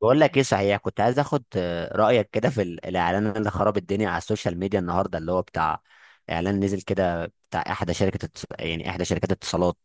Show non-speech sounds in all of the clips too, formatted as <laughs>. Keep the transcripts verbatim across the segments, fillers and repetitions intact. بقول لك ايه صحيح. كنت عايز اخد آه، رايك كده في ال- الاعلان اللي خرب الدنيا على السوشيال ميديا النهارده اللي هو بتاع اعلان نزل كده بتاع احدى شركه التص- يعني احدى شركات الاتصالات.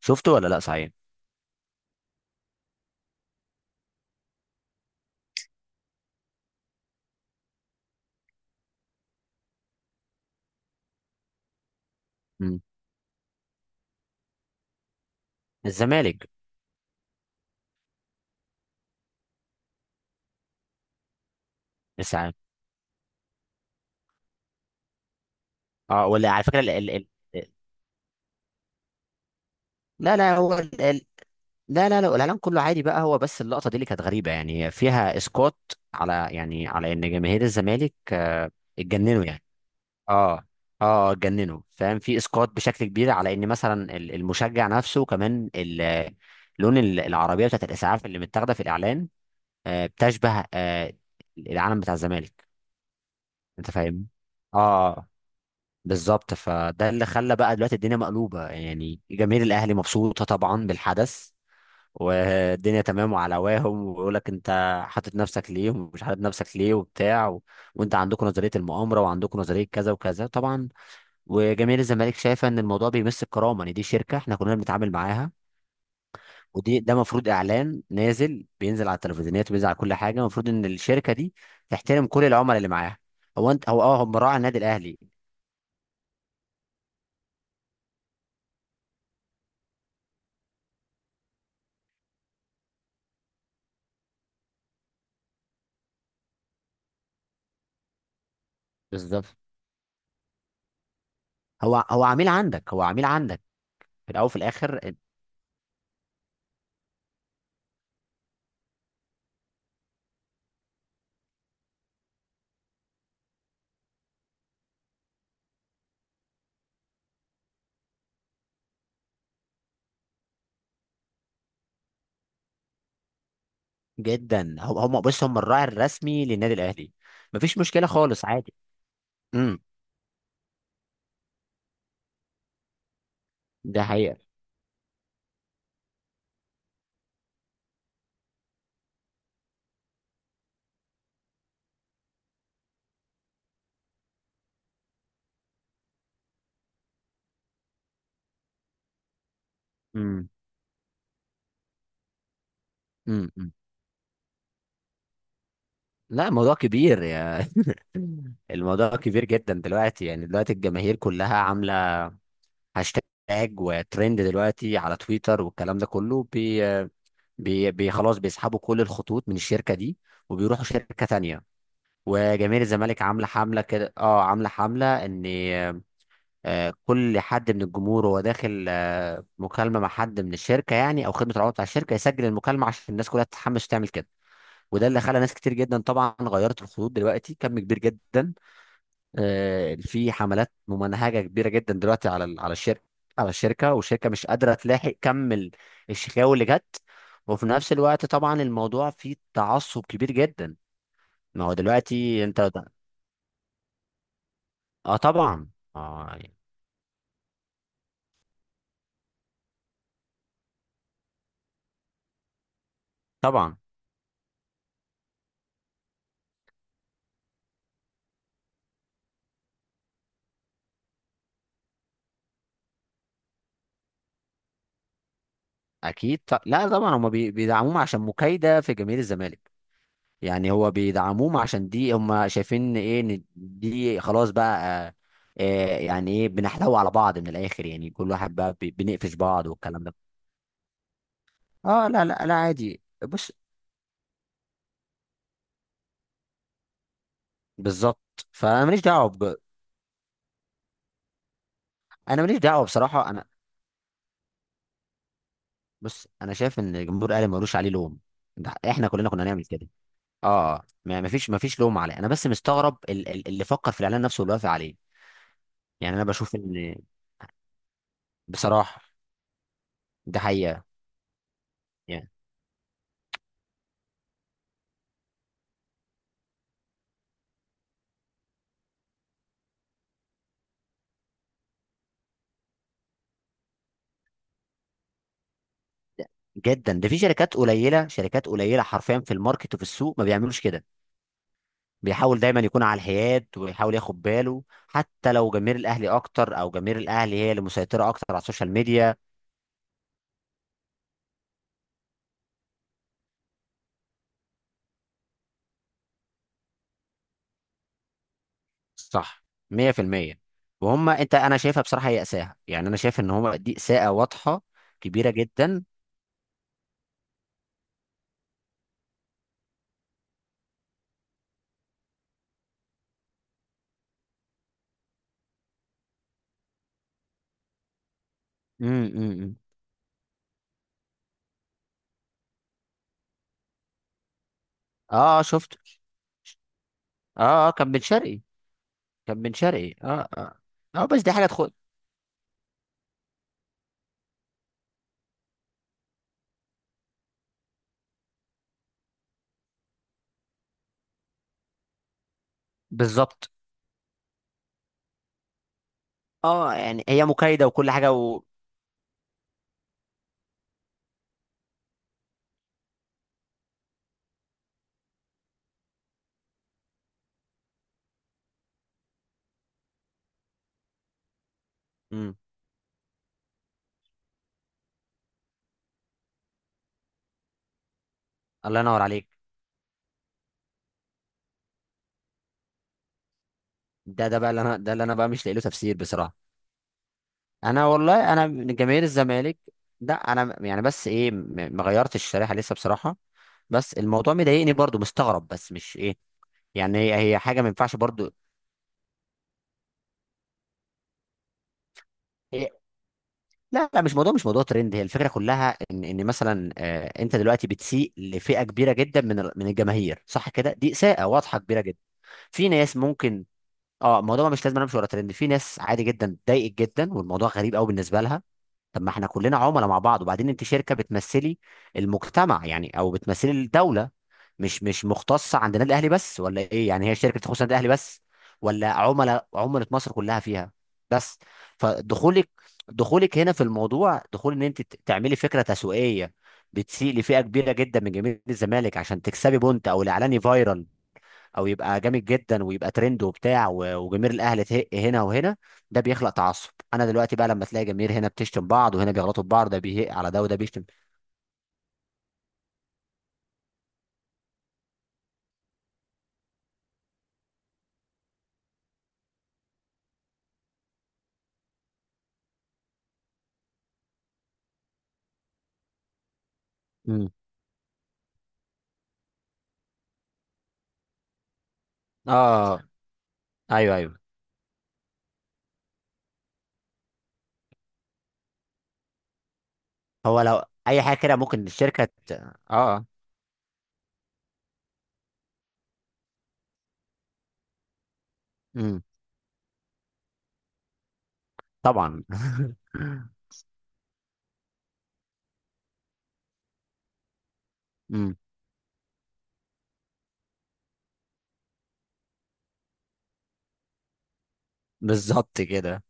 شفته ولا لا صحيح؟ مم. الزمالك. الساعه. اه ولا على فكره ال... ال... ال... لا لا هو ال... ال... لا لا لا الاعلان كله عادي بقى، هو بس اللقطه دي اللي كانت غريبه، يعني فيها اسقاط على، يعني على ان جماهير الزمالك آه، اتجننوا يعني. اه اه آه، جننوا فاهم، في اسقاط بشكل كبير على ان مثلا ال- المشجع نفسه، كمان ال- لون ال- العربيه بتاعت الاسعاف اللي متاخده في الاعلان آه بتشبه آه العلم بتاع الزمالك، انت فاهم. اه آه، بالظبط، فده اللي خلى بقى دلوقتي الدنيا مقلوبه، يعني جماهير الاهلي مبسوطه طبعا بالحدث والدنيا تمام وعلى هواهم، ويقول لك انت حاطط نفسك ليه ومش حاطط نفسك ليه وبتاع و... وانت عندكم نظريه المؤامره وعندكم نظريه كذا وكذا طبعا، وجماهير الزمالك شايفه ان الموضوع بيمس الكرامه، ان دي شركه احنا كلنا بنتعامل معاها، ودي ده المفروض اعلان نازل بينزل على التلفزيونات وبينزل على كل حاجه، المفروض ان الشركه دي تحترم كل العملاء اللي معاها. هو انت هو اه هم راعي النادي الاهلي، بالظبط. هو هو عميل عندك، هو عميل عندك في الاول وفي الاخر. جدا. هو هم بص، هم الراعي الرسمي للنادي الاهلي، مفيش مشكله خالص، عادي. امم، ده حقيقه. امم، امم، أمم. لا موضوع كبير يا، الموضوع كبير جدا دلوقتي، يعني دلوقتي الجماهير كلها عامله هاشتاج وترند دلوقتي على تويتر والكلام ده كله بي بي بي خلاص بيسحبوا كل الخطوط من الشركه دي وبيروحوا شركه تانية، وجماهير الزمالك عامله حمله كده، اه عامله حمله ان آه، كل حد من الجمهور وهو داخل آه، مكالمه مع حد من الشركه يعني او خدمه العملاء بتاع الشركه يسجل المكالمه عشان الناس كلها تتحمس تعمل كده، وده اللي خلى ناس كتير جدا طبعا غيرت الخطوط دلوقتي، كم كبير جدا. آه، في حملات ممنهجه كبيره جدا دلوقتي على ال- على الشركه، على الشركه، والشركه مش قادره تلاحق كم ال- الشكاوي اللي جت، وفي نفس الوقت طبعا الموضوع فيه تعصب كبير جدا. ما هو دلوقتي انت د- اه طبعا. اه يعني. طبعا. اكيد ط... لا طبعا هم بي... بيدعموهم عشان مكايده في جماهير الزمالك، يعني هو بيدعموهم عشان دي هم شايفين ايه، ان دي خلاص بقى آه آه، يعني ايه، بنحتوي على بعض من الاخر، يعني كل واحد بقى بي- بنقفش بعض والكلام ده. اه لا لا لا عادي. بص، بالظبط، فانا ماليش دعوه بج... انا ماليش دعوه بصراحه. انا بص، انا شايف ان جمهور الاهلي ملوش عليه لوم، ده احنا كلنا كنا هنعمل كده. اه ما ما فيش ما فيش لوم عليه، انا بس مستغرب ال- ال- اللي فكر في الاعلان نفسه واللي وافق عليه. يعني انا بشوف ان بصراحه ده حقيقه، يعني جدا. ده في شركات قليله، شركات قليله حرفيا في الماركت وفي السوق ما بيعملوش كده، بيحاول دايما يكون على الحياد ويحاول ياخد باله، حتى لو جماهير الاهلي اكتر او جماهير الاهلي هي اللي مسيطره اكتر على السوشيال ميديا. صح، مية بالمية. وهم انت انا شايفها بصراحه هي اساءه، يعني انا شايف ان هم دي اساءه واضحه كبيره جدا. امم، امم. اه شفت، اه اه كان بن شرقي، كان بن شرقي، اه اه. اه بس دي حاجه تخد. بالظبط، اه يعني هي مكايده وكل حاجه و... مم. الله ينور عليك. ده ده بقى اللي انا ده اللي انا بقى مش لاقي له تفسير بصراحه. انا والله انا من جماهير الزمالك، لا انا يعني بس ايه، م- ما غيرتش الشريحه لسه بصراحه، بس الموضوع مضايقني برضو، مستغرب بس مش ايه، يعني هي هي حاجه ما ينفعش برضو. هي لا لا مش موضوع، مش موضوع ترند، هي الفكره كلها ان ان مثلا آه، انت دلوقتي بتسيء لفئه كبيره جدا من ال- من الجماهير، صح كده، دي اساءه واضحه كبيره جدا. في ناس ممكن. اه الموضوع مش لازم أنا امشي ورا ترند، في ناس عادي جدا اتضايقت جدا والموضوع غريب قوي بالنسبه لها. طب ما احنا كلنا عملاء مع بعض، وبعدين انت شركه بتمثلي المجتمع يعني، او بتمثلي الدوله، مش مش مختصه عند النادي الاهلي بس ولا ايه، يعني هي شركه تخص النادي الاهلي بس، ولا عملاء، عملاء مصر كلها فيها بس؟ فدخولك دخولك هنا في الموضوع دخول، ان انت ت- تعملي فكره تسويقيه بتسيء لفئه كبيره جدا من جماهير الزمالك عشان تكسبي بونت او الاعلاني فايرال، او يبقى جامد جدا ويبقى ترند وبتاع و- وجماهير الاهلي تهق هنا وهنا، ده بيخلق تعصب. انا دلوقتي بقى لما تلاقي جماهير هنا بتشتم بعض وهنا بيغلطوا في بعض، ده بيهق على ده وده بيشتم. امم. اه. ايوه، ايوه. هو لو اي حاجه كده ممكن الشركه ت... اه. امم. طبعا <laughs> امم. بالظبط كده،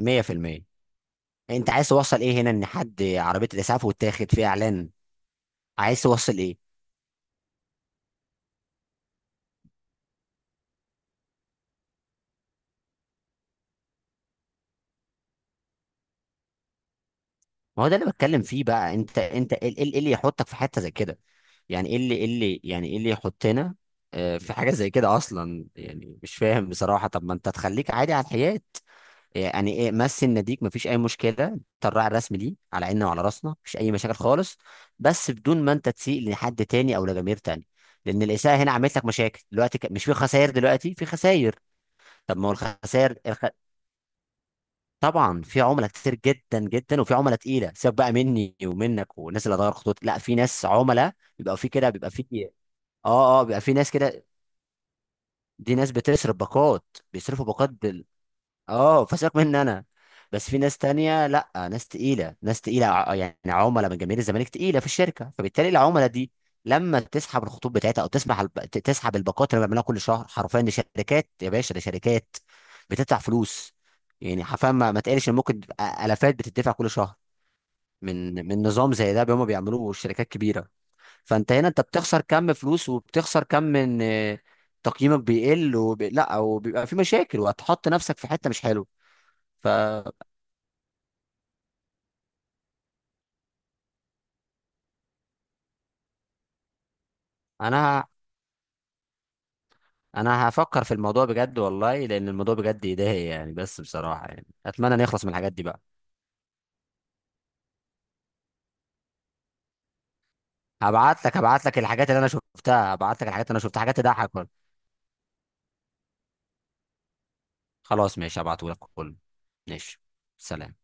مية بالمية. انت عايز توصل ايه هنا، ان حد عربيه الاسعاف وتاخد فيها اعلان، عايز توصل ايه؟ ما هو ده اللي بتكلم فيه بقى، انت انت ايه، إيه- إيه اللي يحطك في حته زي كده، يعني ايه اللي، ايه اللي، يعني ايه اللي يحطنا آه، في حاجه زي كده اصلا، يعني مش فاهم بصراحه. طب ما انت تخليك عادي على الحياه، يعني ايه مثل نديك، مفيش اي مشكله، انت الراعي الرسمي ليه على عيننا وعلى راسنا، مفيش اي مشاكل خالص، بس بدون ما انت تسيء لحد تاني او لجماهير تاني، لان الاساءه هنا عملت لك مشاكل دلوقتي، ك- مش في خسائر دلوقتي، في خسائر. طب ما هو الخسائر الخ... طبعا في عملاء كتير جدا جدا، وفي عملاء تقيله، سيبك بقى مني ومنك والناس اللي هتغير خطوط، لا في ناس عملاء بيبقى في كده، بيبقى في اه. اه بيبقى في ناس كده، دي ناس بتصرف باقات، بيصرفوا باقات بال، اه فسيبك مني انا، بس في ناس تانية، لا ناس تقيلة، ناس تقيلة ع- آه، يعني عملاء من جماهير الزمالك تقيلة في الشركة، فبالتالي العملاء دي لما تسحب الخطوط بتاعتها او تسمح الب... ت- تسحب الباقات اللي بيعملوها كل شهر، حرفيا دي شركات يا باشا، دي شركات بتدفع فلوس، يعني حرفيا ما, ما تقلش ان ممكن تبقى الافات بتدفع كل شهر من من نظام زي ده هما بيعملوه الشركات كبيرة، فانت هنا انت بتخسر كم فلوس، وبتخسر كم من آه، تقييمك بيقل وبي... لا وبيبقى في مشاكل، وهتحط نفسك في حتة مش حلوه. فانا ه... انا هفكر في الموضوع بجد والله، لان الموضوع بجد يضايق يعني، بس بصراحة يعني اتمنى نخلص من الحاجات دي بقى. هبعت لك هبعت لك الحاجات اللي انا شفتها، هبعت لك الحاجات اللي انا شفتها حاجات تضحك والله. خلاص ماشي هبعته لك كله. ماشي، سلام.